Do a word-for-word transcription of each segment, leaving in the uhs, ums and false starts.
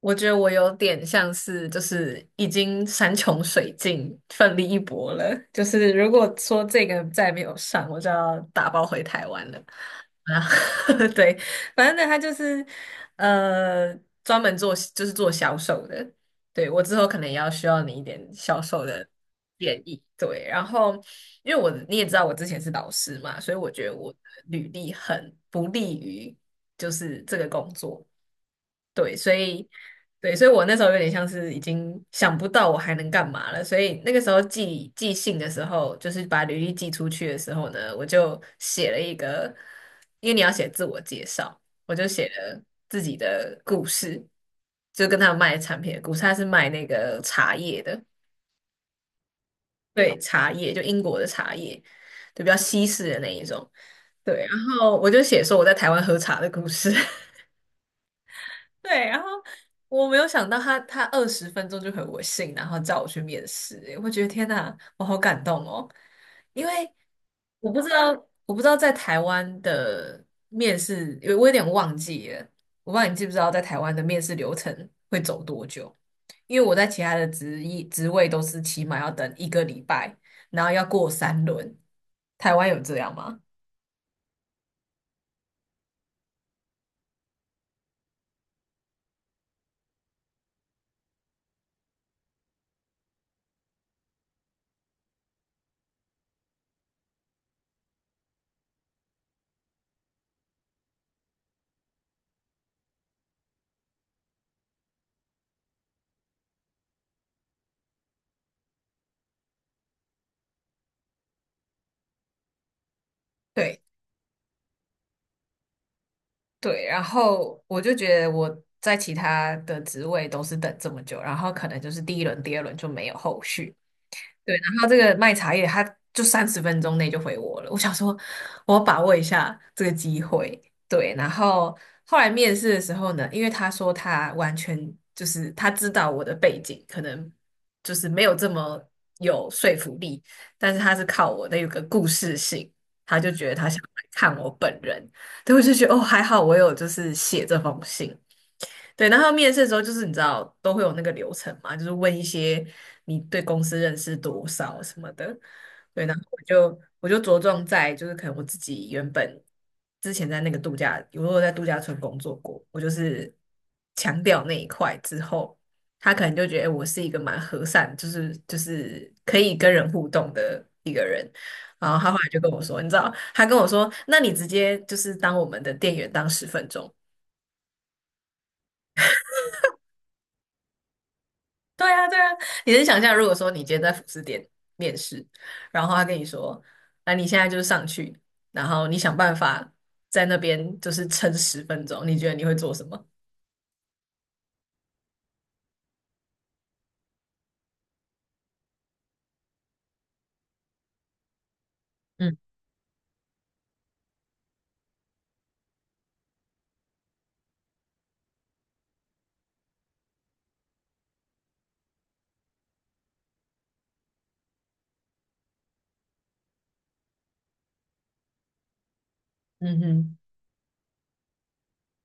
我觉得我有点像是，就是已经山穷水尽，奋力一搏了。就是如果说这个再没有上，我就要打包回台湾了。啊，对，反正呢，他就是呃，专门做就是做销售的。对，我之后可能也要需要你一点销售的建议。对，然后因为我你也知道我之前是老师嘛，所以我觉得我的履历很不利于就是这个工作。对，所以对，所以我那时候有点像是已经想不到我还能干嘛了，所以那个时候寄寄信的时候，就是把履历寄出去的时候呢，我就写了一个，因为你要写自我介绍，我就写了自己的故事，就跟他卖产品的故事，他是卖那个茶叶的，对，茶叶就英国的茶叶，就比较西式的那一种，对，然后我就写说我在台湾喝茶的故事。对，然后我没有想到他他二十分钟就回我信，然后叫我去面试，我觉得天哪，我好感动哦，因为我不知道我不知道在台湾的面试，因为我有点忘记了，我不知道你记不知道在台湾的面试流程会走多久，因为我在其他的职业职位都是起码要等一个礼拜，然后要过三轮，台湾有这样吗？对。对，然后我就觉得我在其他的职位都是等这么久，然后可能就是第一轮、第二轮就没有后续，对，然后这个卖茶叶他就三十分钟内就回我了，我想说我要把握一下这个机会。对，然后后来面试的时候呢，因为他说他完全就是他知道我的背景，可能就是没有这么有说服力，但是他是靠我的有个故事性，他就觉得他想来看我本人，对，我就觉得哦还好我有就是写这封信。对，然后面试的时候就是你知道都会有那个流程嘛，就是问一些你对公司认识多少什么的，对，然后我就我就着重在就是可能我自己原本之前在那个度假，我有在度假村工作过，我就是强调那一块之后，他可能就觉得诶我是一个蛮和善，就是就是可以跟人互动的一个人，然后他后来就跟我说，你知道，他跟我说，那你直接就是当我们的店员当十分钟。对啊，对啊，你能想象，如果说你今天在服饰店面试，然后他跟你说，那你现在就是上去，然后你想办法在那边就是撑十分钟，你觉得你会做什么？嗯嗯哼，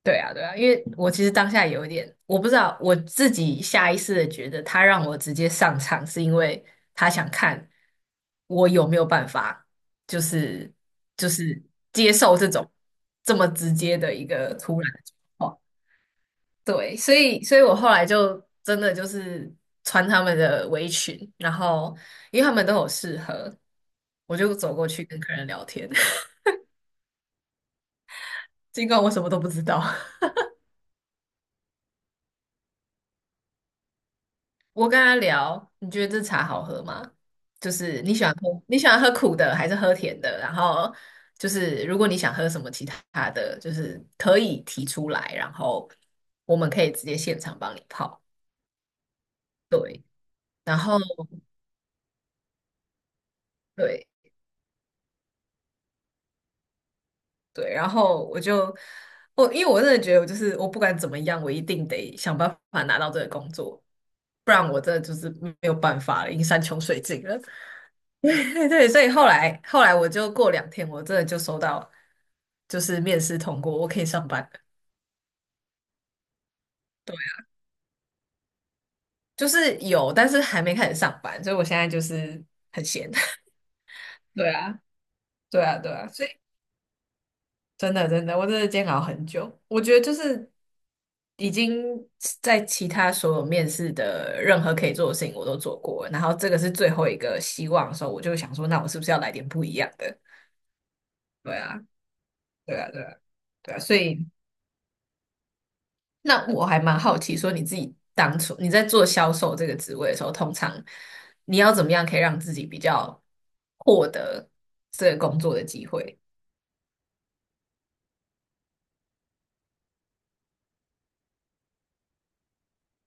对啊，对啊，因为我其实当下有一点，我不知道我自己下意识的觉得他让我直接上场，是因为他想看我有没有办法，就是就是接受这种这么直接的一个突然的状况。对，所以所以我后来就真的就是穿他们的围裙，然后因为他们都有适合，我就走过去跟客人聊天，尽管我什么都不知道。我跟他聊，你觉得这茶好喝吗？就是你喜欢喝你喜欢喝苦的还是喝甜的？然后就是如果你想喝什么其他的，就是可以提出来，然后我们可以直接现场帮你泡。对，然后对，对，然后我就我，因为我真的觉得，我就是我不管怎么样，我一定得想办法拿到这个工作，不然我真的就是没有办法了，已经山穷水尽了。对对所以后来后来我就过两天，我真的就收到，就是面试通过，我可以上班了。对，就是有，但是还没开始上班，所以我现在就是很闲。对啊，对啊，对啊，所以。真的真的，我真的煎熬很久。我觉得就是已经在其他所有面试的任何可以做的事情我都做过了然后这个是最后一个希望的时候，我就想说，那我是不是要来点不一样的？对啊，对啊，对啊，对啊。所以那我还蛮好奇，说你自己当初你在做销售这个职位的时候，通常你要怎么样可以让自己比较获得这个工作的机会？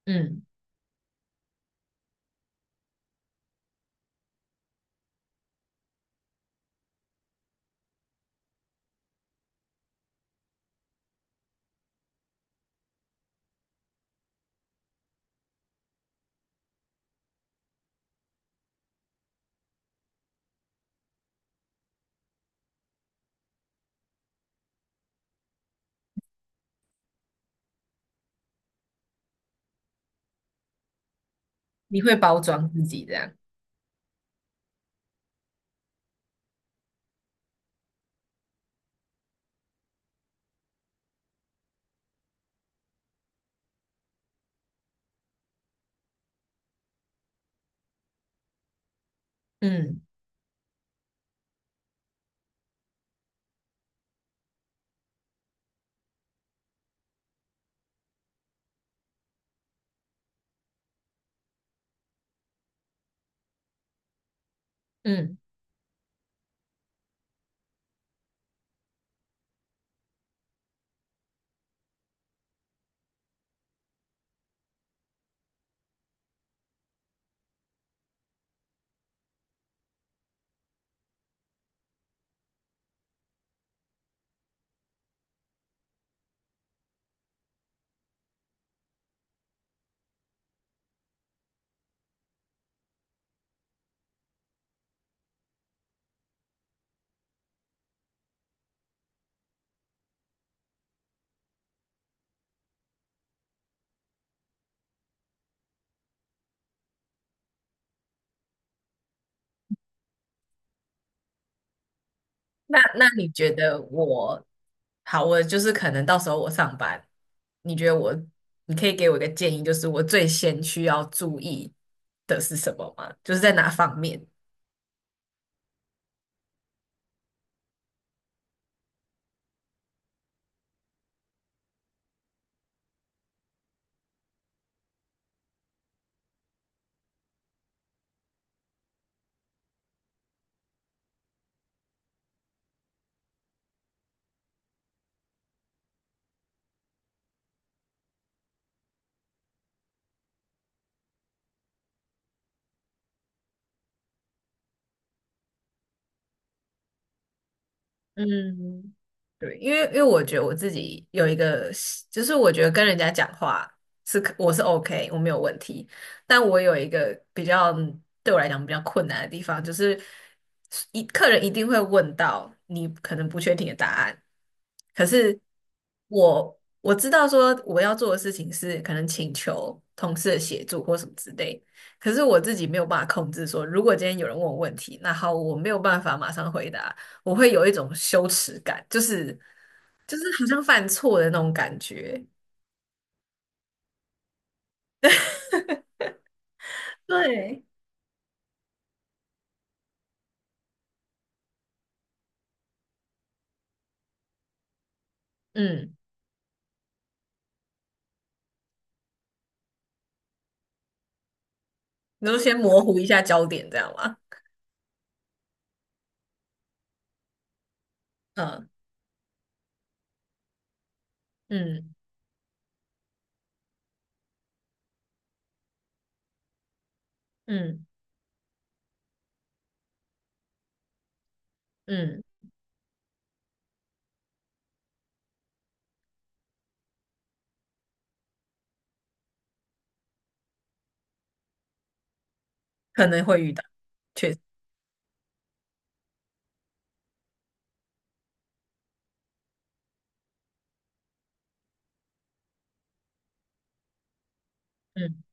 嗯，你会包装自己这样？嗯嗯。那那你觉得我好？我就是可能到时候我上班，你觉得我，你可以给我一个建议，就是我最先需要注意的是什么吗？就是在哪方面？嗯，对，因为因为我觉得我自己有一个习就是我觉得跟人家讲话是可我是 OK，我没有问题，但我有一个比较对我来讲比较困难的地方，就是一客人一定会问到你可能不确定的答案，可是我我知道说我要做的事情是可能请求同事的协助或什么之类，可是我自己没有办法控制说，如果今天有人问我问题，那好，我没有办法马上回答。我会有一种羞耻感，就是就是好像犯错的那种感觉。对，嗯，你就先模糊一下焦点，这样吗？嗯嗯嗯嗯，可能会遇到，确实，嗯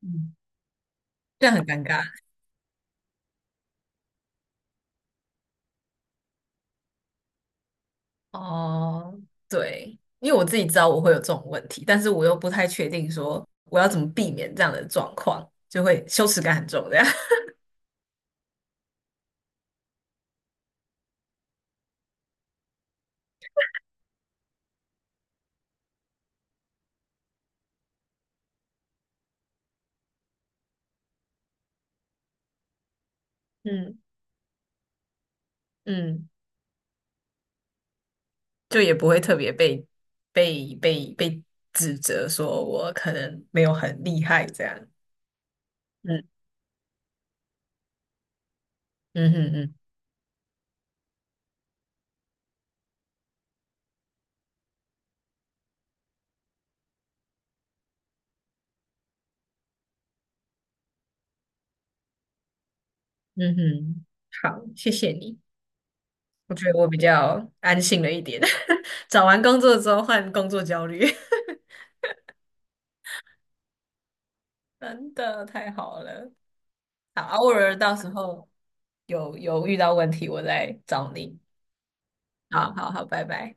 嗯，这样很尴尬。哦，对，因为我自己知道我会有这种问题，但是我又不太确定说我要怎么避免这样的状况，就会羞耻感很重，这样。嗯嗯。就也不会特别被被被被指责说我可能没有很厉害这样。嗯嗯哼嗯嗯哼，好，谢谢你，我觉得我比较安心了一点。找完工作之后换工作焦虑，真的太好了。好，偶尔到时候有有遇到问题我再找你。好好好，拜拜。